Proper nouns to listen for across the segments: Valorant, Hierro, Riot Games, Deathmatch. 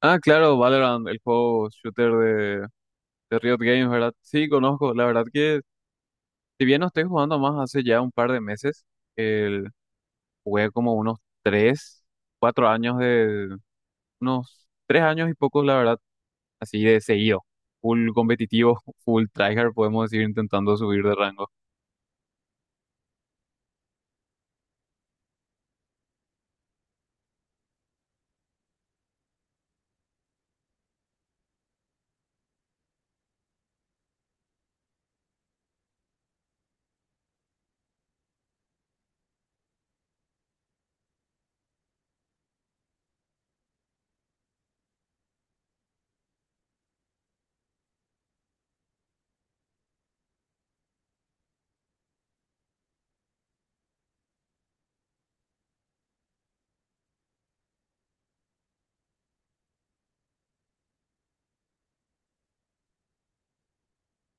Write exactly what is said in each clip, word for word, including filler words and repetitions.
Ah, claro, Valorant, el juego shooter de, de Riot Games, ¿verdad? Sí, conozco. La verdad que, si bien no estoy jugando más hace ya un par de meses, el, jugué como unos tres, cuatro años de, unos tres años y pocos, la verdad, así de seguido. Full competitivo, full tryhard, podemos decir, intentando subir de rango.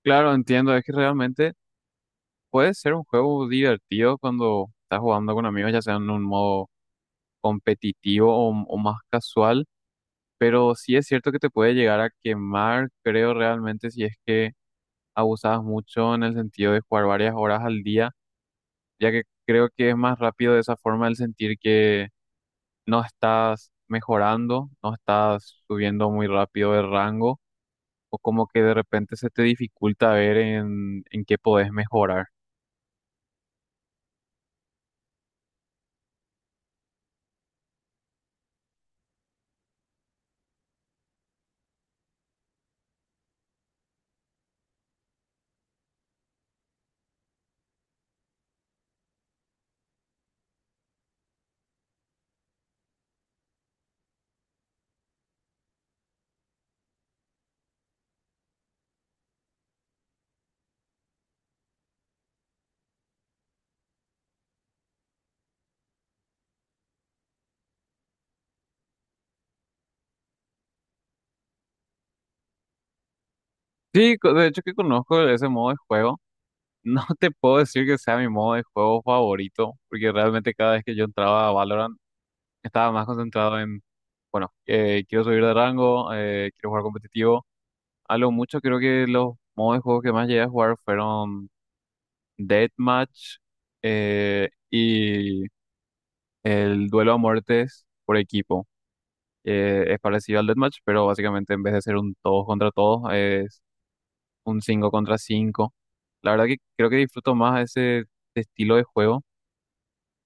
Claro, entiendo, es que realmente puede ser un juego divertido cuando estás jugando con amigos, ya sea en un modo competitivo o o más casual, pero sí es cierto que te puede llegar a quemar, creo realmente, si es que abusabas mucho en el sentido de jugar varias horas al día, ya que creo que es más rápido de esa forma el sentir que no estás mejorando, no estás subiendo muy rápido de rango, o como que de repente se te dificulta ver en, en qué podés mejorar. Sí, co- de hecho que conozco ese modo de juego. No te puedo decir que sea mi modo de juego favorito, porque realmente cada vez que yo entraba a Valorant, estaba más concentrado en, bueno, eh, quiero subir de rango, eh, quiero jugar competitivo. A lo mucho creo que los modos de juego que más llegué a jugar fueron Deathmatch, eh, y el duelo a muertes por equipo. Eh, es parecido al Deathmatch, pero básicamente en vez de ser un todos contra todos, es un cinco contra cinco. La verdad que creo que disfruto más ese estilo de juego.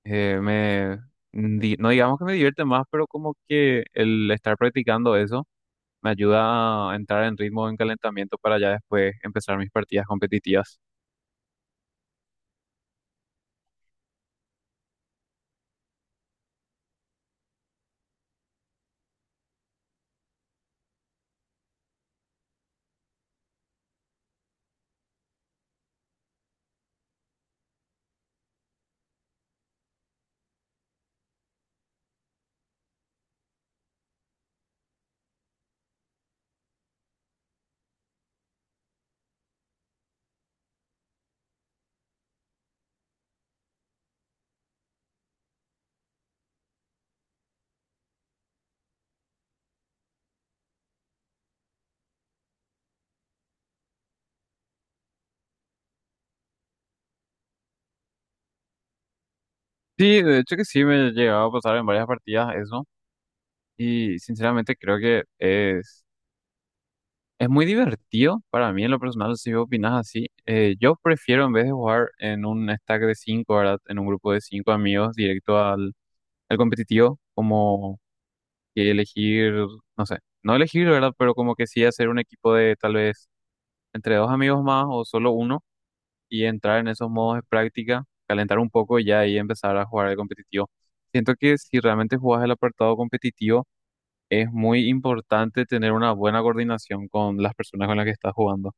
Eh, me, di- no digamos que me divierte más, pero como que el estar practicando eso me ayuda a entrar en ritmo, en calentamiento para ya después empezar mis partidas competitivas. Sí, de hecho que sí, me llegaba a pasar en varias partidas eso, y sinceramente creo que es, es muy divertido para mí en lo personal, si vos opinás así. Eh, yo prefiero en vez de jugar en un stack de cinco, ¿verdad? En un grupo de cinco amigos directo al, al competitivo, como que elegir, no sé, no elegir, ¿verdad? Pero como que sí hacer un equipo de tal vez entre dos amigos más o solo uno y entrar en esos modos de práctica, calentar un poco y ya ahí empezar a jugar el competitivo. Siento que si realmente jugás el apartado competitivo, es muy importante tener una buena coordinación con las personas con las que estás jugando.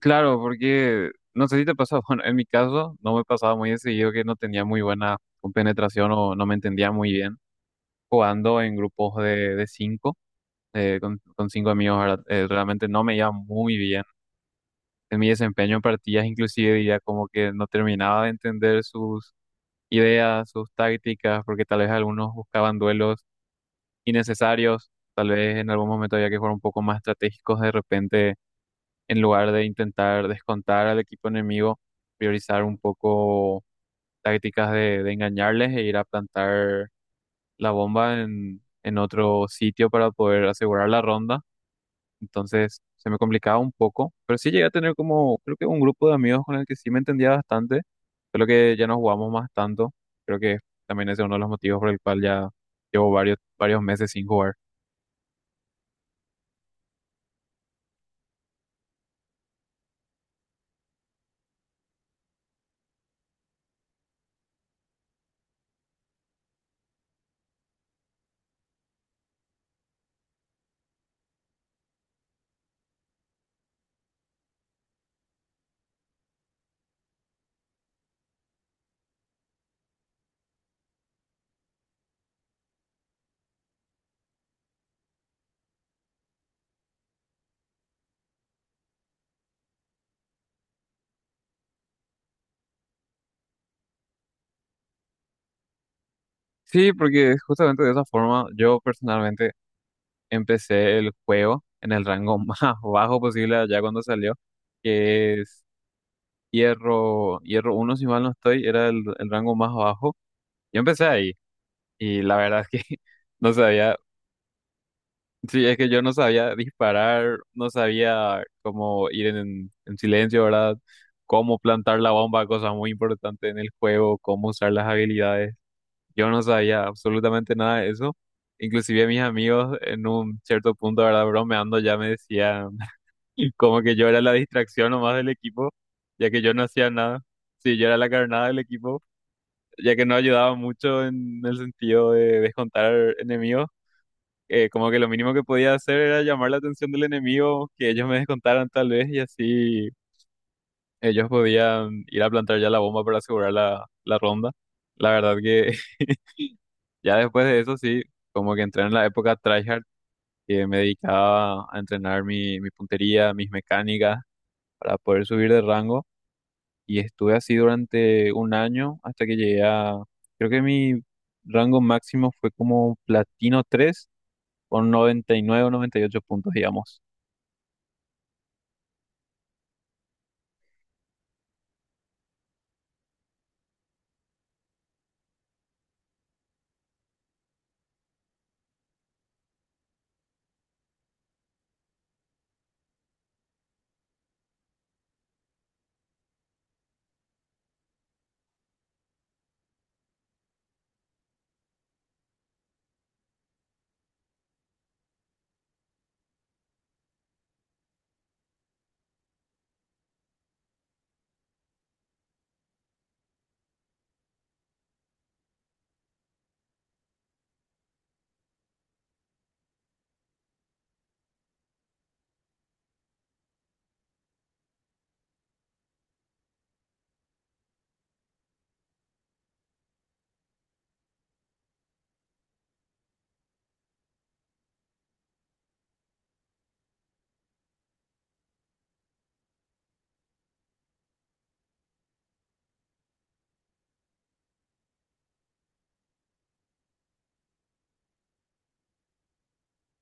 Claro, porque no sé si te pasa, bueno, en mi caso no me pasaba muy de seguido que no tenía muy buena compenetración o no me entendía muy bien jugando en grupos de, de cinco, eh, con, con cinco amigos, ¿verdad? Eh, realmente no me iba muy bien en mi desempeño en partidas, inclusive diría como que no terminaba de entender sus ideas, sus tácticas, porque tal vez algunos buscaban duelos innecesarios, tal vez en algún momento había que jugar un poco más estratégicos de repente en lugar de intentar descontar al equipo enemigo, priorizar un poco tácticas de, de engañarles e ir a plantar la bomba en, en otro sitio para poder asegurar la ronda. Entonces se me complicaba un poco, pero sí llegué a tener como, creo que, un grupo de amigos con el que sí me entendía bastante, solo que ya no jugamos más tanto. Creo que también ese es uno de los motivos por el cual ya llevo varios, varios meses sin jugar. Sí, porque justamente de esa forma yo personalmente empecé el juego en el rango más bajo posible allá cuando salió, que es Hierro, Hierro uno si mal no estoy, era el, el rango más bajo. Yo empecé ahí y la verdad es que... No sabía. Sí, es que yo no sabía disparar, no sabía cómo ir en, en silencio, ¿verdad? Cómo plantar la bomba, cosa muy importante en el juego, cómo usar las habilidades. Yo no sabía absolutamente nada de eso. Inclusive mis amigos en un cierto punto, ¿verdad? Bromeando ya me decían como que yo era la distracción nomás del equipo, ya que yo no hacía nada. Sí, yo era la carnada del equipo, ya que no ayudaba mucho en el sentido de descontar enemigos. eh, como que lo mínimo que podía hacer era llamar la atención del enemigo, que ellos me descontaran tal vez y así ellos podían ir a plantar ya la bomba para asegurar la, la ronda. La verdad que ya después de eso sí, como que entré en la época tryhard, que me dedicaba a entrenar mi, mi puntería, mis mecánicas para poder subir de rango, y estuve así durante un año hasta que llegué a, creo que, mi rango máximo fue como platino tres con noventa y nueve o noventa y ocho puntos, digamos.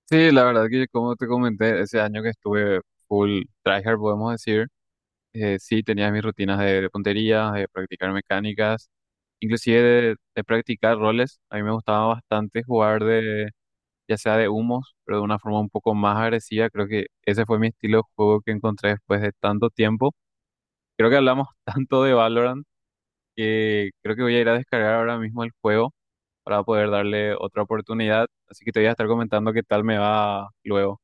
Sí, la verdad que como te comenté, ese año que estuve full tryhard, podemos decir, eh, sí tenía mis rutinas de, de puntería, de practicar mecánicas, inclusive de, de practicar roles. A mí me gustaba bastante jugar de, ya sea de humos, pero de una forma un poco más agresiva. Creo que ese fue mi estilo de juego que encontré después de tanto tiempo. Creo que hablamos tanto de Valorant que creo que voy a ir a descargar ahora mismo el juego para poder darle otra oportunidad. Así que te voy a estar comentando qué tal me va luego.